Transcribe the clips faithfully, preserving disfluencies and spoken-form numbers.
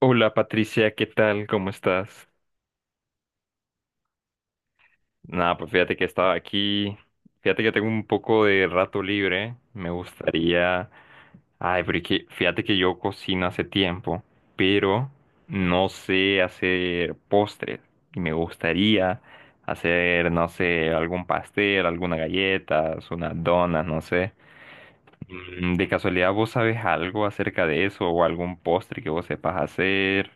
Hola Patricia, ¿qué tal? ¿Cómo estás? Nada, pues fíjate que estaba aquí. Fíjate que tengo un poco de rato libre. Me gustaría. Ay, pero es que fíjate que yo cocino hace tiempo, pero no sé hacer postres. Y me gustaría hacer, no sé, algún pastel, algunas galletas, unas donas, no sé. Mm, ¿De casualidad vos sabes algo acerca de eso o algún postre que vos sepas hacer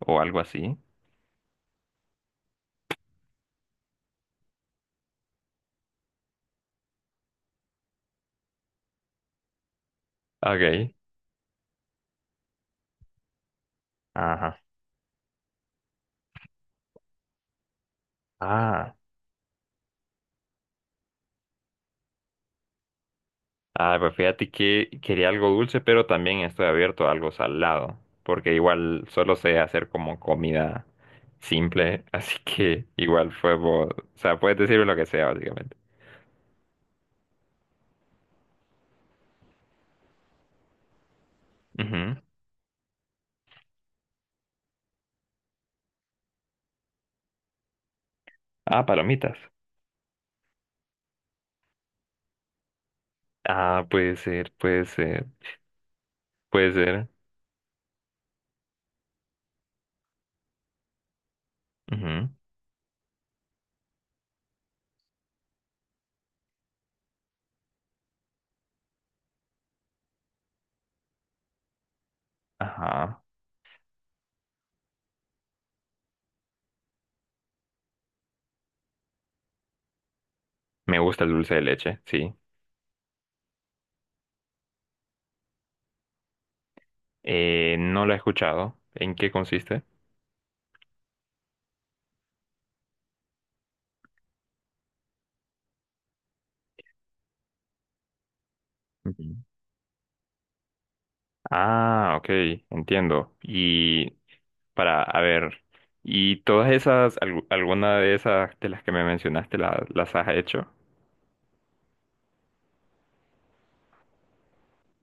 o algo así? Ok. Ajá. Ah, ah, pues fíjate que quería algo dulce, pero también estoy abierto a algo salado, porque igual solo sé hacer como comida simple, así que igual fue, bo- o sea, puedes decirme lo que sea, básicamente. Ujú. Ah, palomitas. Ah, puede ser, puede ser, puede ser. Ujú. Ajá. Me gusta el dulce de leche, sí. Eh, no lo he escuchado. ¿En qué consiste? Ujú. Ah, ok, entiendo. Y para, a ver, ¿y todas esas, algu- alguna de esas de las que me mencionaste, la- las has hecho?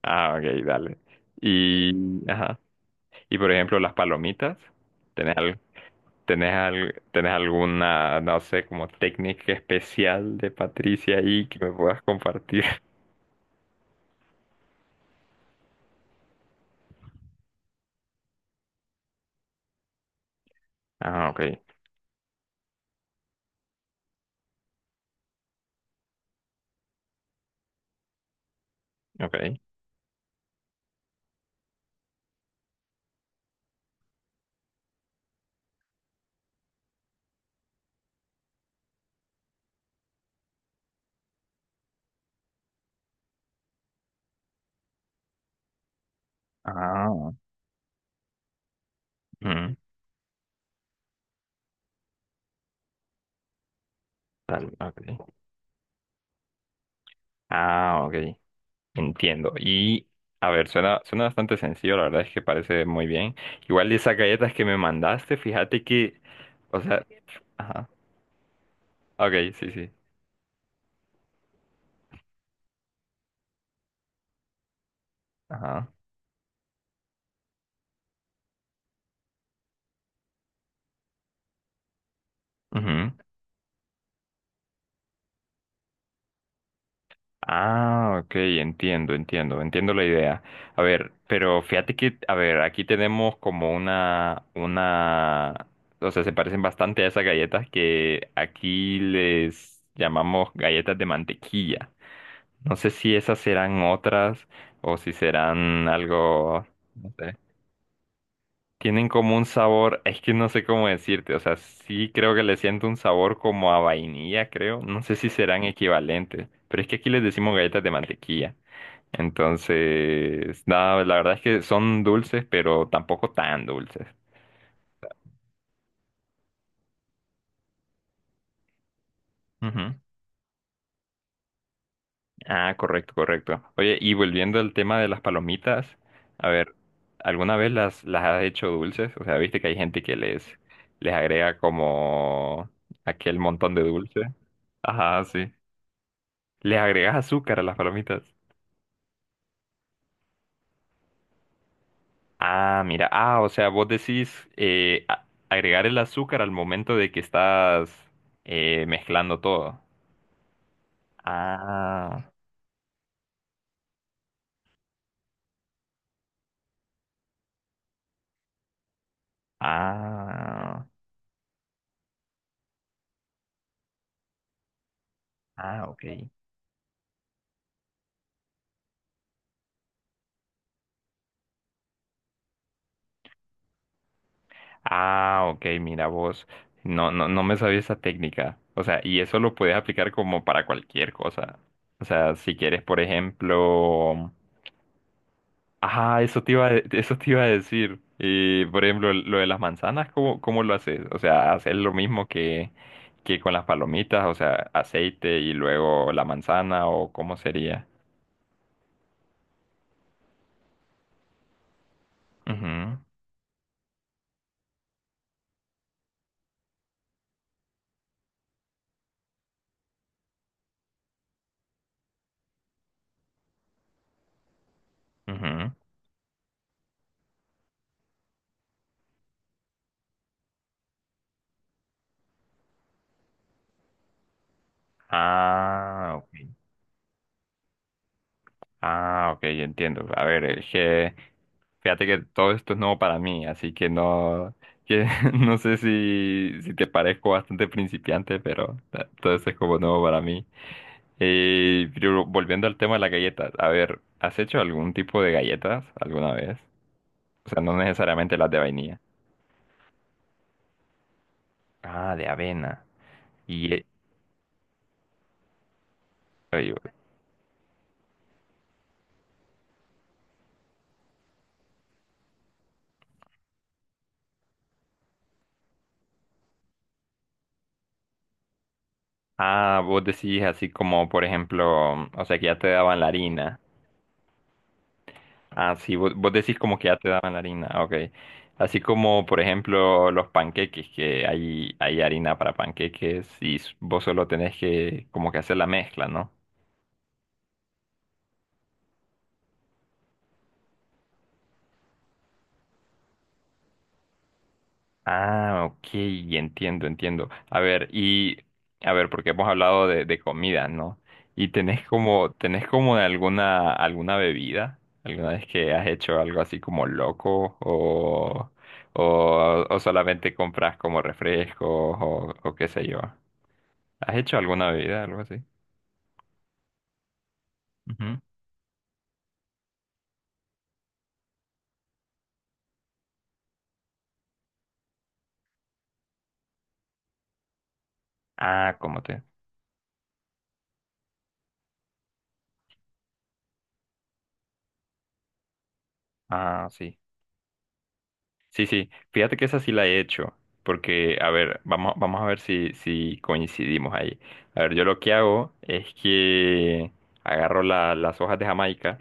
Ah, ok, dale. Y, ajá. Y por ejemplo, las palomitas, ¿tenés, al- tenés, al- tenés alguna, no sé, como técnica especial de Patricia ahí que me puedas compartir? Ah, ok, ok. Ah, mm, dale, ok. Ah, ok. Entiendo. Y a ver, suena, suena bastante sencillo, la verdad es que parece muy bien. Igual de esas galletas que me mandaste, fíjate que, o sea, ajá, ok, sí, sí, ajá, ujú. Ah, ok, entiendo, entiendo, entiendo la idea. A ver, pero fíjate que, a ver, aquí tenemos como una, una, o sea, se parecen bastante a esas galletas que aquí les llamamos galletas de mantequilla. No sé si esas serán otras o si serán algo, no sé. Tienen como un sabor, es que no sé cómo decirte, o sea, sí creo que le siento un sabor como a vainilla, creo. No sé si serán equivalentes, pero es que aquí les decimos galletas de mantequilla. Entonces, nada, la verdad es que son dulces, pero tampoco tan dulces. Ujú. Ah, correcto, correcto. Oye, y volviendo al tema de las palomitas, a ver, ¿alguna vez las, las has hecho dulces? O sea, viste que hay gente que les, les agrega como aquel montón de dulce. Ajá, sí. ¿Les agregas azúcar a las palomitas? Ah, mira, ah, o sea, vos decís eh, a- agregar el azúcar al momento de que estás eh, mezclando todo. Ah, ah, ah, ok. Ah, ok, mira vos. No, no, no me sabía esa técnica. O sea, y eso lo puedes aplicar como para cualquier cosa. O sea, si quieres, por ejemplo. Ah, eso te iba a, eso te iba a decir. Y, por ejemplo, lo de las manzanas, ¿cómo, cómo lo haces? O sea, hacer lo mismo que, que, con las palomitas, o sea, aceite y luego la manzana, o cómo sería. Ujú, ujú. Ah, ok. Ah, ok, entiendo. A ver, es que fíjate que todo esto es nuevo para mí, así que no, que no sé si, si te parezco bastante principiante, pero ta- todo esto es como nuevo para mí. Eh, pero volviendo al tema de las galletas, a ver, ¿has hecho algún tipo de galletas alguna vez? O sea, no necesariamente las de vainilla. Ah, de avena. Y, eh, oye, ah, vos decís así como, por ejemplo, o sea, que ya te daban la harina. Ah, sí, vos, vos, decís como que ya te daban la harina, ah, ok. Así como, por ejemplo, los panqueques, que hay, hay harina para panqueques y s- vos solo tenés que como que hacer la mezcla, ¿no? Ah, ok, entiendo, entiendo. A ver, y a ver, porque hemos hablado de, de, comida, ¿no? Y tenés como, tenés como, alguna, alguna bebida, alguna vez que has hecho algo así como loco o, o, o, solamente compras como refrescos o, o qué sé yo. ¿Has hecho alguna bebida, algo así? Ujú. Ah, ¿cómo te? Ah, sí. Sí, sí. Fíjate que esa sí la he hecho. Porque, a ver, vamos, vamos, a ver si, si coincidimos ahí. A ver, yo lo que hago es que agarro la- las hojas de Jamaica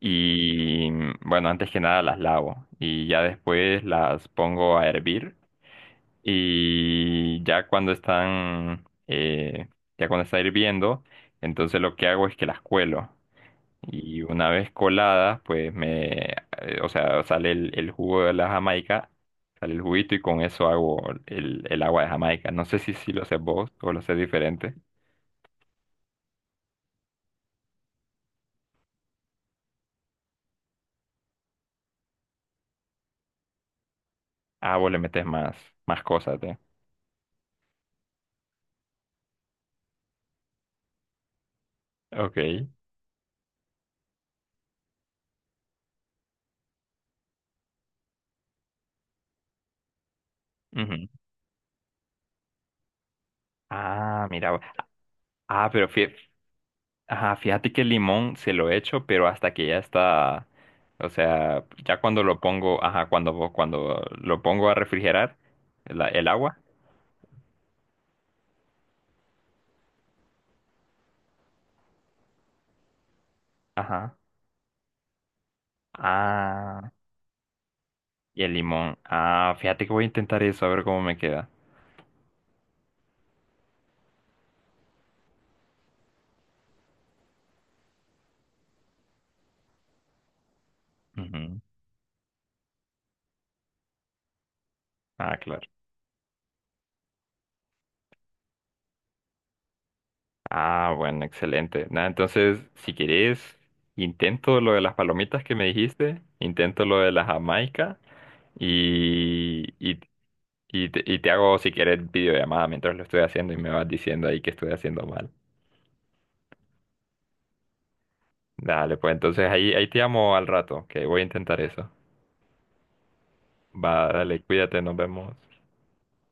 y, bueno, antes que nada las lavo y ya después las pongo a hervir y ya cuando están, eh, ya cuando está hirviendo, entonces lo que hago es que las cuelo. Y una vez coladas, pues me, eh, o sea, sale el, el jugo de la Jamaica, sale el juguito y con eso hago el, el agua de Jamaica. No sé si, si lo haces vos o lo haces diferente. Ah, vos le metes más, más cosas, ¿eh? Ok. Ujú. Ah, mira. bu- Ah, pero fí- ajá, fíjate que el limón se lo echo, pero hasta que ya está, o sea, ya cuando lo pongo, ajá, cuando, cuando, lo pongo a refrigerar, el, el agua, ajá. Ah. Y el limón. Ah, fíjate que voy a intentar eso, a ver cómo me queda. Ujú. Ah, claro. Ah, bueno, excelente. Nada, entonces, si querés, intento lo de las palomitas que me dijiste, intento lo de la Jamaica y, y, y te, y te hago, si querés, videollamada mientras lo estoy haciendo y me vas diciendo ahí que estoy haciendo mal. Dale, pues entonces ahí, ahí, te llamo al rato, que voy a intentar eso. Va, dale, cuídate, nos vemos.